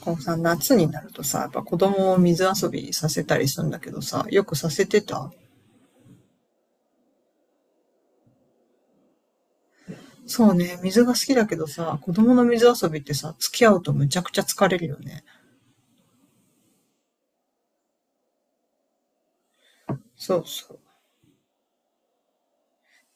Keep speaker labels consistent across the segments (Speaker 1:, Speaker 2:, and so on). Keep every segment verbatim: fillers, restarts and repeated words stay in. Speaker 1: こうさ、夏になるとさ、やっぱ子供を水遊びさせたりするんだけどさ、よくさせてた。そうね、水が好きだけどさ、子供の水遊びってさ、付き合うとむちゃくちゃ疲れるよね。そうそう。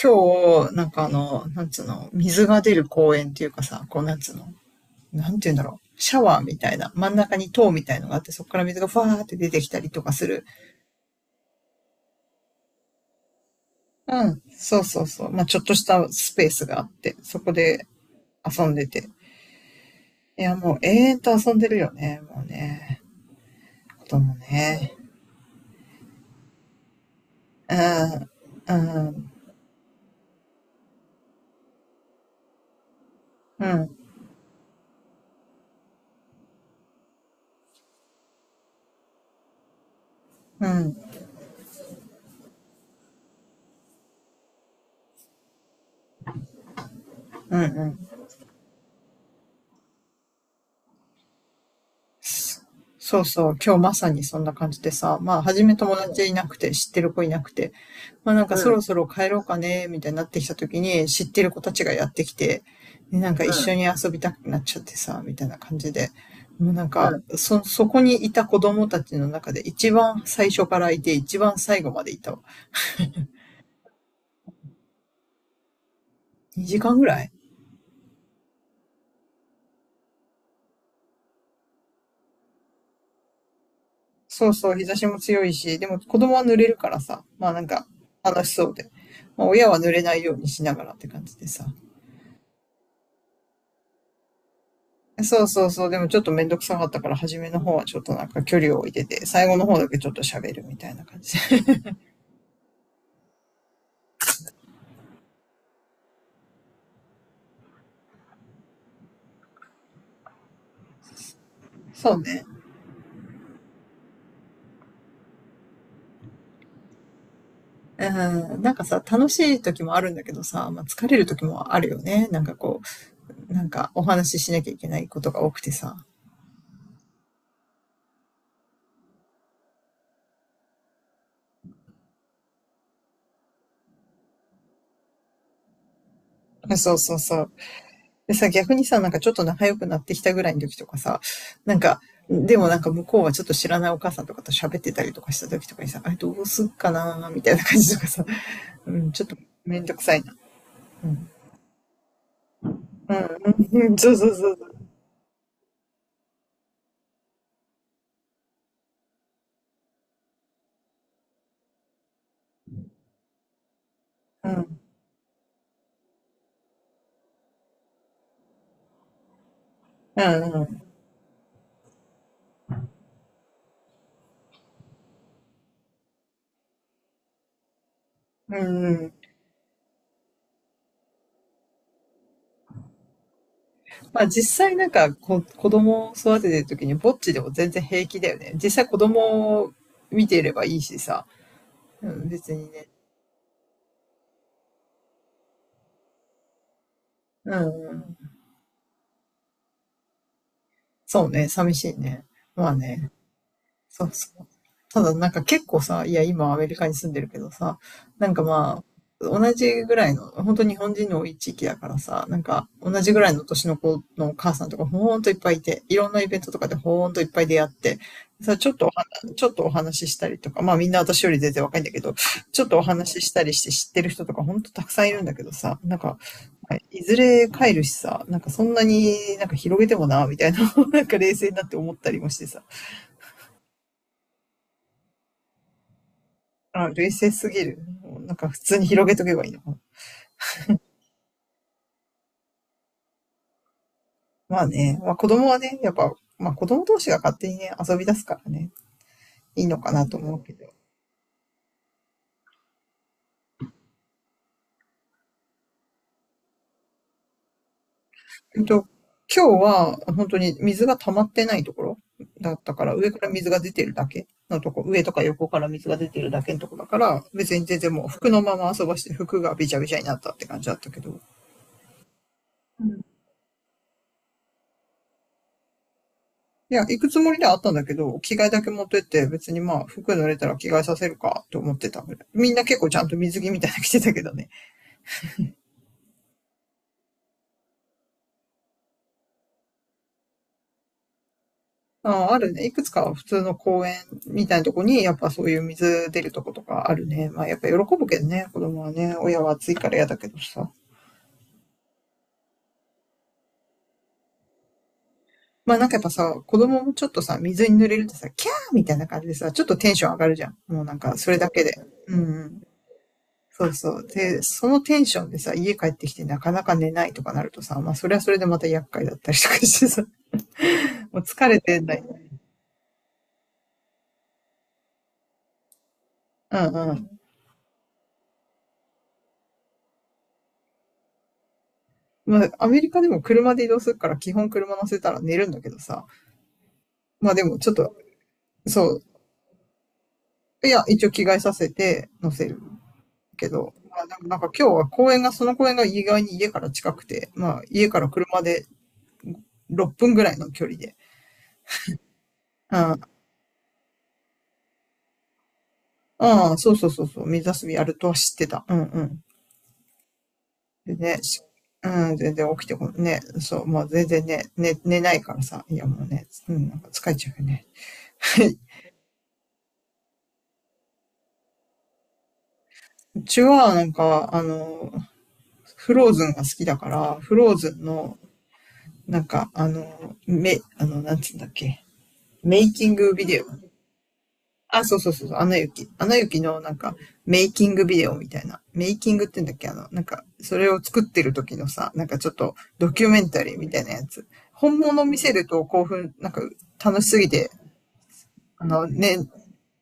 Speaker 1: 今日、なんかあの、なんつうの、水が出る公園っていうかさ、こうなんつうの、なんて言うんだろう。シャワーみたいな、真ん中に塔みたいのがあって、そこから水がファーって出てきたりとかする。うん、そうそうそう。まあ、ちょっとしたスペースがあって、そこで遊んでて。いや、もう永遠と遊んでるよね、もうね。こともね。うん、うん、うん、うん、うんうん。そうそう、今日まさにそんな感じでさ、まあ、初め友達いなくて、知ってる子いなくて、まあなんかうそろん、そろ帰ろうかね、みたいになってきた時に、知ってる子たちがやってきて、でなんかう一緒ん、緒に遊びたくなっちゃってさ、みたいな感じで、もうなんうか、ん。そ、そこにいた子供たちの中で一番最初からいて、一番最後までいたわ。にじかんぐらい。そうそう、日差しも強いし、でも子供は濡れるからさ、まあなんか楽しそうで。まあ親は濡れないようにしながらって感じでさ。そうそうそう、でもちょっとめんどくさかったから初めの方はちょっとなんか距離を置いてて、最後の方だけちょっと喋るみたいな感じで。そうね。うん、なんかさ、楽しい時もあるんだけどさ、まあ疲れる時もあるよね。なんかこう、なんかお話ししなきゃいけないことが多くてさ。そうそうそう。でさ、逆にさ、なんかちょっと仲良くなってきたぐらいの時とかさ、なんか、でもなんか向こうはちょっと知らないお母さんとかと喋ってたりとかした時とかにさ、あれどうすっかなーみたいな感じとかさ、うん、ちょっとめんどくさいな。うん、うん、うん、そうそうそうそう。うん、うん、うん、うん。まあ実際なんかこ子供を育ててる時にぼっちでも全然平気だよね。実際子供を見ていればいいしさ、うん、別にね。うん、うん。そうね、寂しいね。まあね。そうそう。ただなんか結構さ、いや今アメリカに住んでるけどさ、なんかまあ、同じぐらいの、本当日本人の多い地域だからさ、なんか同じぐらいの年の子のお母さんとかほんといっぱいいて、いろんなイベントとかでほんといっぱい出会って、さ、ちょっとお話、ちょっとお話ししたりとか、まあみんな私より全然若いんだけど、ちょっとお話ししたりして知ってる人とかほんとたくさんいるんだけどさ、なんか、いずれ帰るしさ、なんかそんなになんか広げてもな、みたいな、なんか冷静になって思ったりもしてさ、あ、冷静すぎる。なんか普通に広げとけばいいのかな。まあね、まあ子供はね、やっぱ、まあ子供同士が勝手にね、遊び出すからね、いいのかなと思うけど。えっと、今日は本当に水が溜まってないところだったから、上から水が出てるだけのとこ、上とか横から水が出てるだけのとこだから、別に全然もう服のまま遊ばして服がびちゃびちゃになったって感じだったけど。うん。いや、行くつもりではあったんだけど、着替えだけ持ってって、別にまあ、服濡れたら着替えさせるかと思ってたぐらい。みんな結構ちゃんと水着みたいなの着てたけどね。ああるね。いくつか普通の公園みたいなとこに、やっぱそういう水出るとことかあるね。まあ、やっぱ喜ぶけどね、子供はね。親は暑いから嫌だけどさ。まあなんかやっぱさ、子供もちょっとさ、水に濡れるとさ、キャーみたいな感じでさ、ちょっとテンション上がるじゃん。もうなんか、それだけで。うんうん。そうそう。で、そのテンションでさ、家帰ってきてなかなか寝ないとかなるとさ、まあそれはそれでまた厄介だったりとかしてさ、もう疲れてない。うんうん。まあアメリカでも車で移動するから基本車乗せたら寝るんだけどさ、まあでもちょっと、そう、いや、一応着替えさせて乗せるけど、まあでもなんか今日は公園が、その公園が意外に家から近くて、まあ家から車でろっぷんぐらいの距離で、うん、ああ、そうそうそうそう、水遊びやるとは知ってた。うんうん。でね、うん、全然起きてこね、そう、もう全然ね、寝、寝ないからさ、いやもうね、うん、なんか疲れちゃうよね。うちはなんか、あの、フローズンが好きだから、フローズンの、なんか、あの、め、あの、なんつうんだっけ、メイキングビデオ。あ、そうそうそうそう、アナ雪。アナ雪のなんか、メイキングビデオみたいな。メイキングって言うんだっけあの、なんか、それを作ってる時のさ、なんかちょっとドキュメンタリーみたいなやつ。本物見せると興奮、なんか楽しすぎてあの、ね、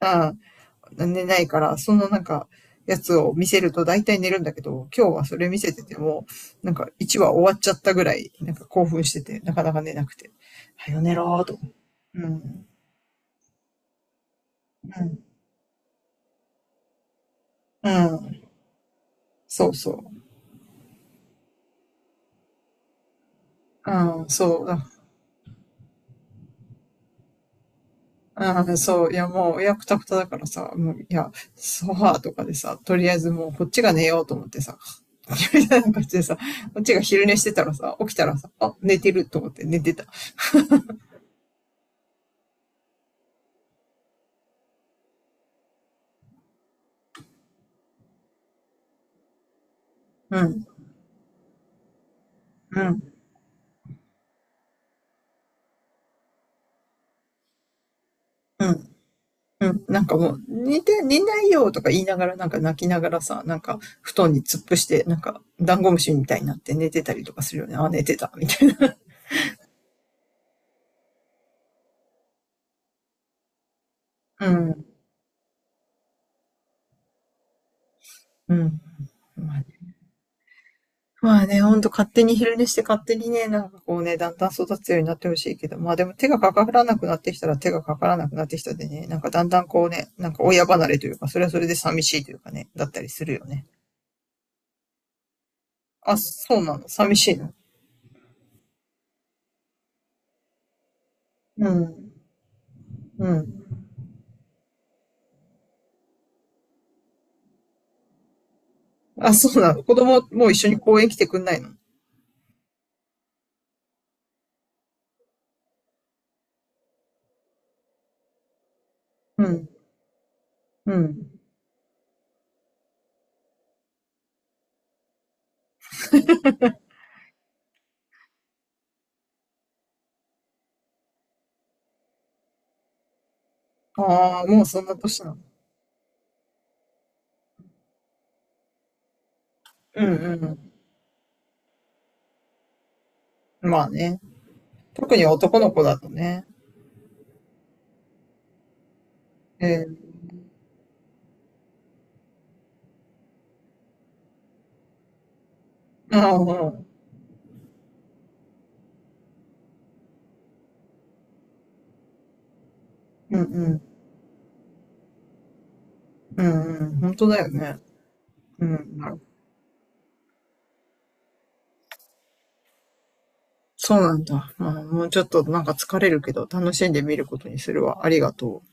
Speaker 1: うん、寝ないから、そのなんか、やつを見せると大体寝るんだけど、今日はそれ見せてても、なんかいちわ終わっちゃったぐらい、なんか興奮してて、なかなか寝なくて。はよ寝ろーと。うん。うん。うん。そうそう。うん、そうだ。うん、そう、いやもう、いや、くたくただからさ、もう、いや、ソファーとかでさ、とりあえずもうこっちが寝ようと思ってさ、みたいな感じでさ、こっちが昼寝してたらさ、起きたらさ、あ、寝てると思って寝てた。うん、うん、うん、うん、なんかもう、寝て、寝ないよとか言いながら、なんか泣きながらさ、なんか布団に突っ伏して、なんかダンゴムシみたいになって寝てたりとかするよね。あ、寝てた、みたいな。うん、うん。まあね、まあねほんと勝手に昼寝して勝手にね、なんかこうね、だんだん育つようになってほしいけど、まあでも手がかからなくなってきたら手がかからなくなってきたでね、なんかだんだんこうね、なんか親離れというか、それはそれで寂しいというかね、だったりするよね。あ、そうなの、寂しいの？うん、うん。あ、そうなの。子供もう一緒に公園来てくんないの？うん。うん。ああ、もうそんな年なの。うんうん、うん。まあね。特に男の子だとね。ええ、ああ、うん。うんうん。うんうん、本当だよね。うん。なるそうなんだ。まあ、もうちょっとなんか疲れるけど、楽しんでみることにするわ。ありがとう。